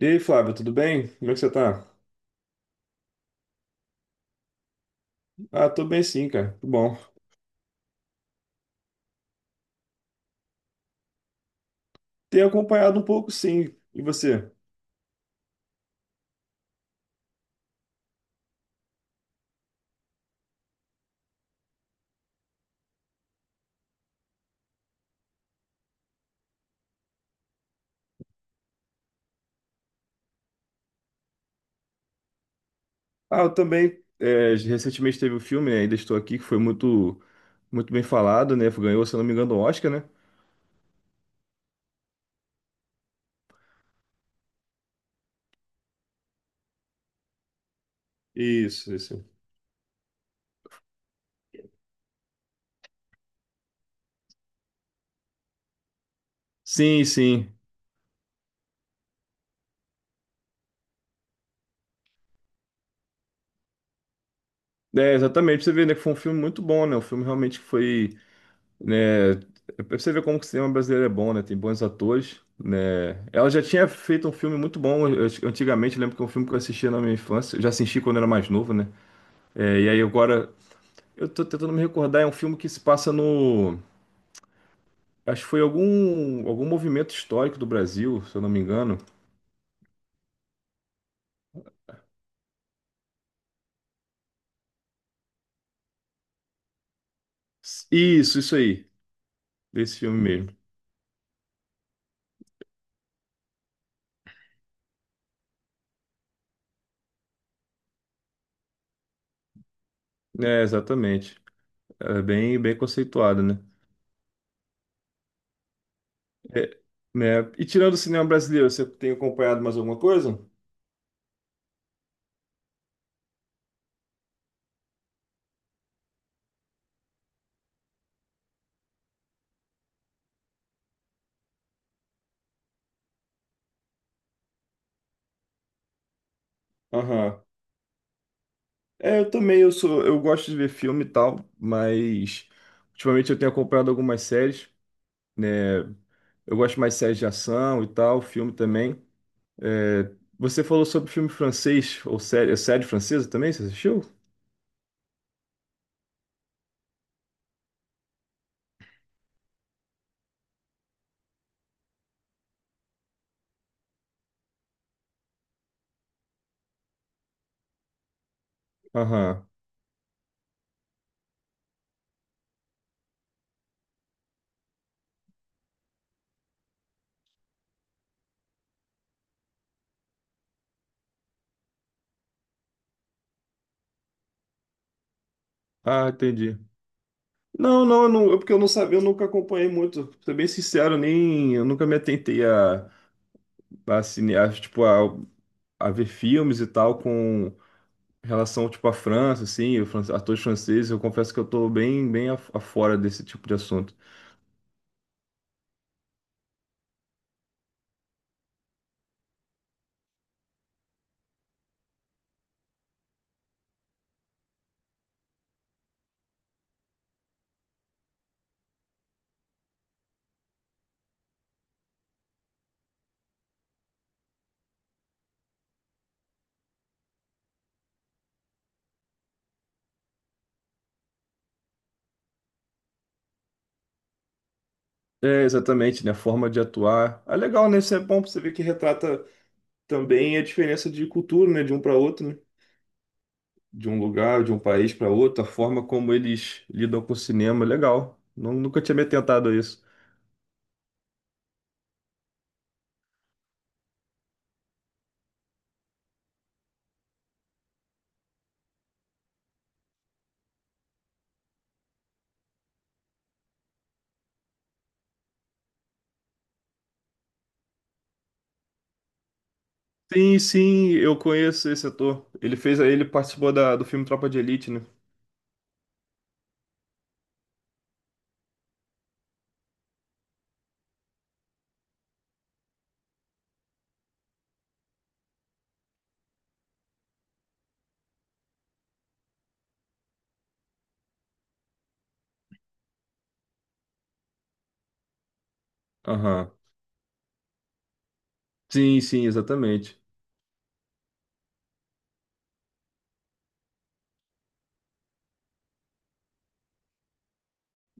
E aí, Flávio, tudo bem? Como é que você tá? Ah, tô bem sim, cara. Tudo bom. Tenho acompanhado um pouco, sim. E você? Ah, eu também. Recentemente teve o filme, né? Ainda Estou Aqui, que foi muito bem falado, né? Ganhou, se eu não me engano, o Oscar, né? Isso, isso. Sim, sim. É, exatamente. Você vê, né, que foi um filme muito bom, né? O filme realmente foi, né? Pra você ver como que o cinema brasileiro é bom, né? Tem bons atores, né? Ela já tinha feito um filme muito bom antigamente. Eu lembro que é um filme que eu assistia na minha infância. Eu já assisti quando era mais novo, né? É, e aí agora, eu tô tentando me recordar, é um filme que se passa no. Acho que foi algum movimento histórico do Brasil, se eu não me engano. Isso aí, desse filme mesmo. É, exatamente. É bem conceituado, né? É, né? E tirando o cinema brasileiro, você tem acompanhado mais alguma coisa? Aham. É, eu também, eu gosto de ver filme e tal, mas ultimamente eu tenho acompanhado algumas séries, né? Eu gosto mais de séries de ação e tal, filme também. É, você falou sobre filme francês, ou série, é série francesa também? Você assistiu? Aham. Ah, entendi. Não, porque eu não sabia, eu nunca acompanhei muito. Pra ser bem sincero, nem, eu nunca me atentei a a ver filmes e tal com relação, tipo, à França, assim, atores franceses. Eu confesso que eu tô bem afora desse tipo de assunto. É, exatamente, né? A forma de atuar. É legal, né? Isso é bom pra você ver que retrata também a diferença de cultura, né? De um para outro, né? De um lugar, de um país para outro, a forma como eles lidam com o cinema, é legal. Nunca tinha me atentado a isso. Sim, sim, eu conheço esse ator. Ele fez, ele participou da, do filme Tropa de Elite, né? Aham. Sim, sim, exatamente.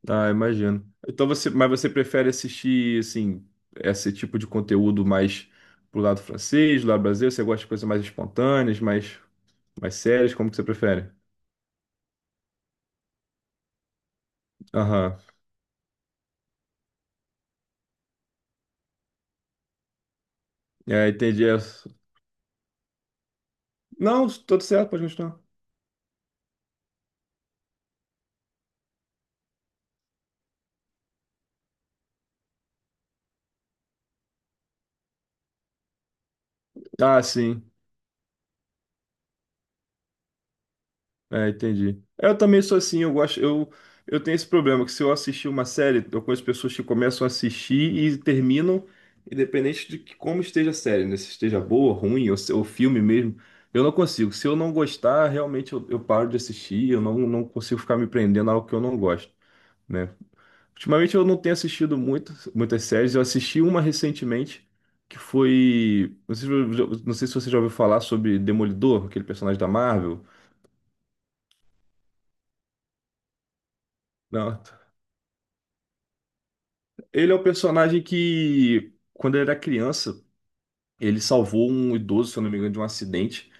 Ah, imagino. Então você, mas você prefere assistir assim esse tipo de conteúdo mais pro lado francês, do lado brasileiro? Você gosta de coisas mais espontâneas, mais mais sérias? Como que você prefere? Aham. É, entendi. É, não, tudo certo, pode continuar. Ah, sim. É, entendi. Eu também sou assim, eu tenho esse problema, que se eu assistir uma série, eu conheço pessoas que começam a assistir e terminam, independente de que, como esteja a série, né? Se esteja boa, ruim, ou, ou filme mesmo, eu não consigo. Se eu não gostar, realmente eu paro de assistir, eu não, não consigo ficar me prendendo a algo que eu não gosto, né? Ultimamente eu não tenho assistido muitas séries, eu assisti uma recentemente, que foi, não sei, não sei se você já ouviu falar sobre Demolidor, aquele personagem da Marvel. Não. Ele é o personagem que, quando ele era criança, ele salvou um idoso, se eu não me engano, de um acidente.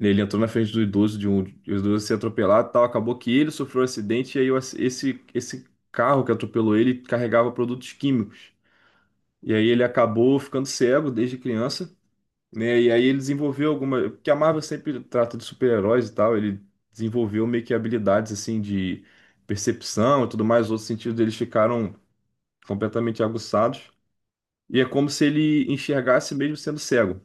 Ele entrou na frente do idoso, de um, e o idoso se atropelado e tal. Acabou que ele sofreu um acidente, e aí esse carro que atropelou ele carregava produtos químicos. E aí ele acabou ficando cego desde criança, né? E aí ele desenvolveu alguma. Porque a Marvel sempre trata de super-heróis e tal. Ele desenvolveu meio que habilidades assim de percepção e tudo mais. Outros sentidos deles ficaram completamente aguçados. E é como se ele enxergasse mesmo sendo cego,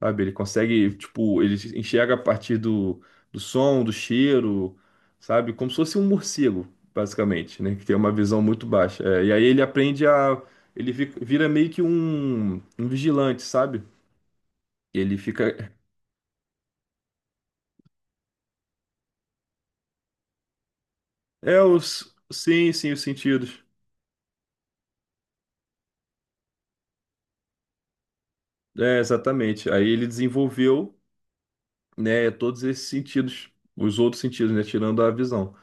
sabe? Ele consegue, tipo, ele enxerga a partir do som, do cheiro, sabe? Como se fosse um morcego, basicamente, né? Que tem uma visão muito baixa. É, e aí ele aprende a. Ele vira meio que um vigilante, sabe? Ele fica. É, os. Sim, sim, os sentidos. É, exatamente. Aí ele desenvolveu, né, todos esses sentidos, os outros sentidos, né? Tirando a visão.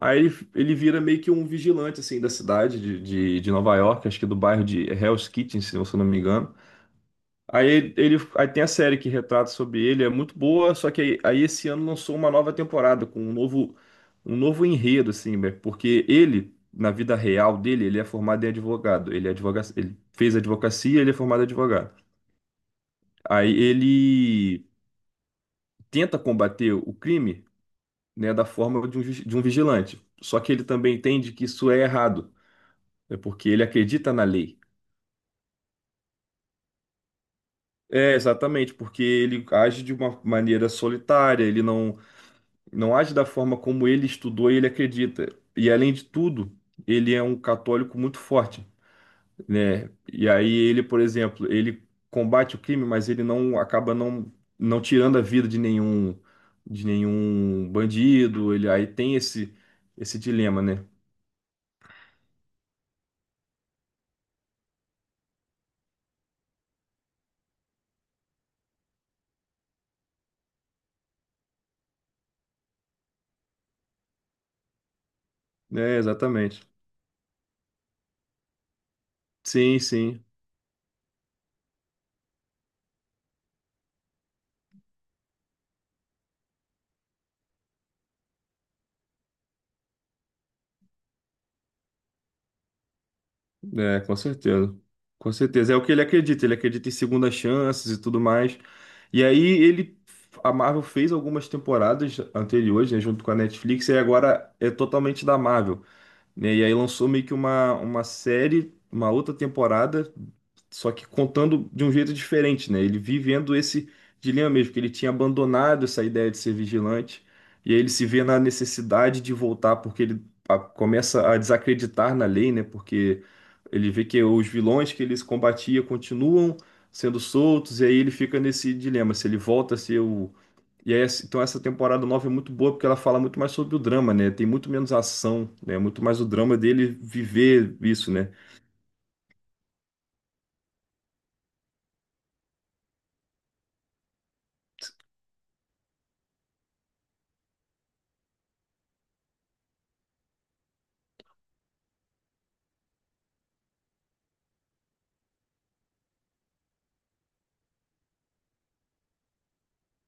Ele vira meio que um vigilante, assim, da cidade de Nova York, acho que do bairro de Hell's Kitchen, se eu não me engano. Aí tem a série que retrata sobre ele, é muito boa, só que aí esse ano lançou uma nova temporada com um um novo enredo, assim, né? Porque ele, na vida real dele, ele é formado em advogado, ele fez advocacia, ele é formado em advogado. Aí ele tenta combater o crime, né, da forma de de um vigilante, só que ele também entende que isso é errado. É porque ele acredita na lei. É, exatamente, porque ele age de uma maneira solitária, ele não, não age da forma como ele estudou e ele acredita. E além de tudo, ele é um católico muito forte, né? E aí ele, por exemplo, ele combate o crime, mas ele não acaba não, não tirando a vida de nenhum bandido, ele aí tem esse dilema, né? É, exatamente. Sim, sim. É, com certeza. Com certeza. É o que ele acredita. Ele acredita em segundas chances e tudo mais. E aí ele. A Marvel fez algumas temporadas anteriores, né, junto com a Netflix, e agora é totalmente da Marvel, né? E aí lançou meio que uma série, uma outra temporada, só que contando de um jeito diferente, né? Ele vivendo esse dilema mesmo, que ele tinha abandonado essa ideia de ser vigilante, e aí ele se vê na necessidade de voltar, porque ele começa a desacreditar na lei, né? Porque ele vê que os vilões que eles combatia continuam sendo soltos, e aí ele fica nesse dilema, se ele volta a ser o e aí, assim, então essa temporada nova é muito boa porque ela fala muito mais sobre o drama, né? Tem muito menos ação, né? Muito mais o drama dele viver isso, né?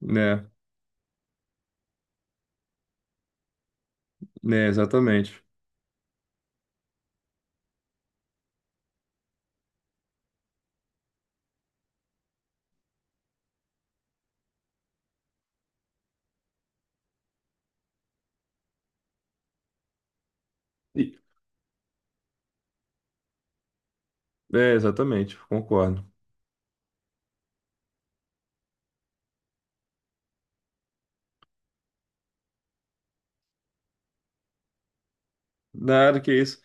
Né? Né, exatamente. E- é, exatamente, concordo. Nada que isso.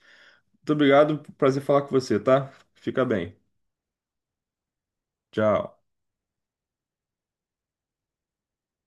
Muito obrigado, prazer falar com você, tá? Fica bem. Tchau.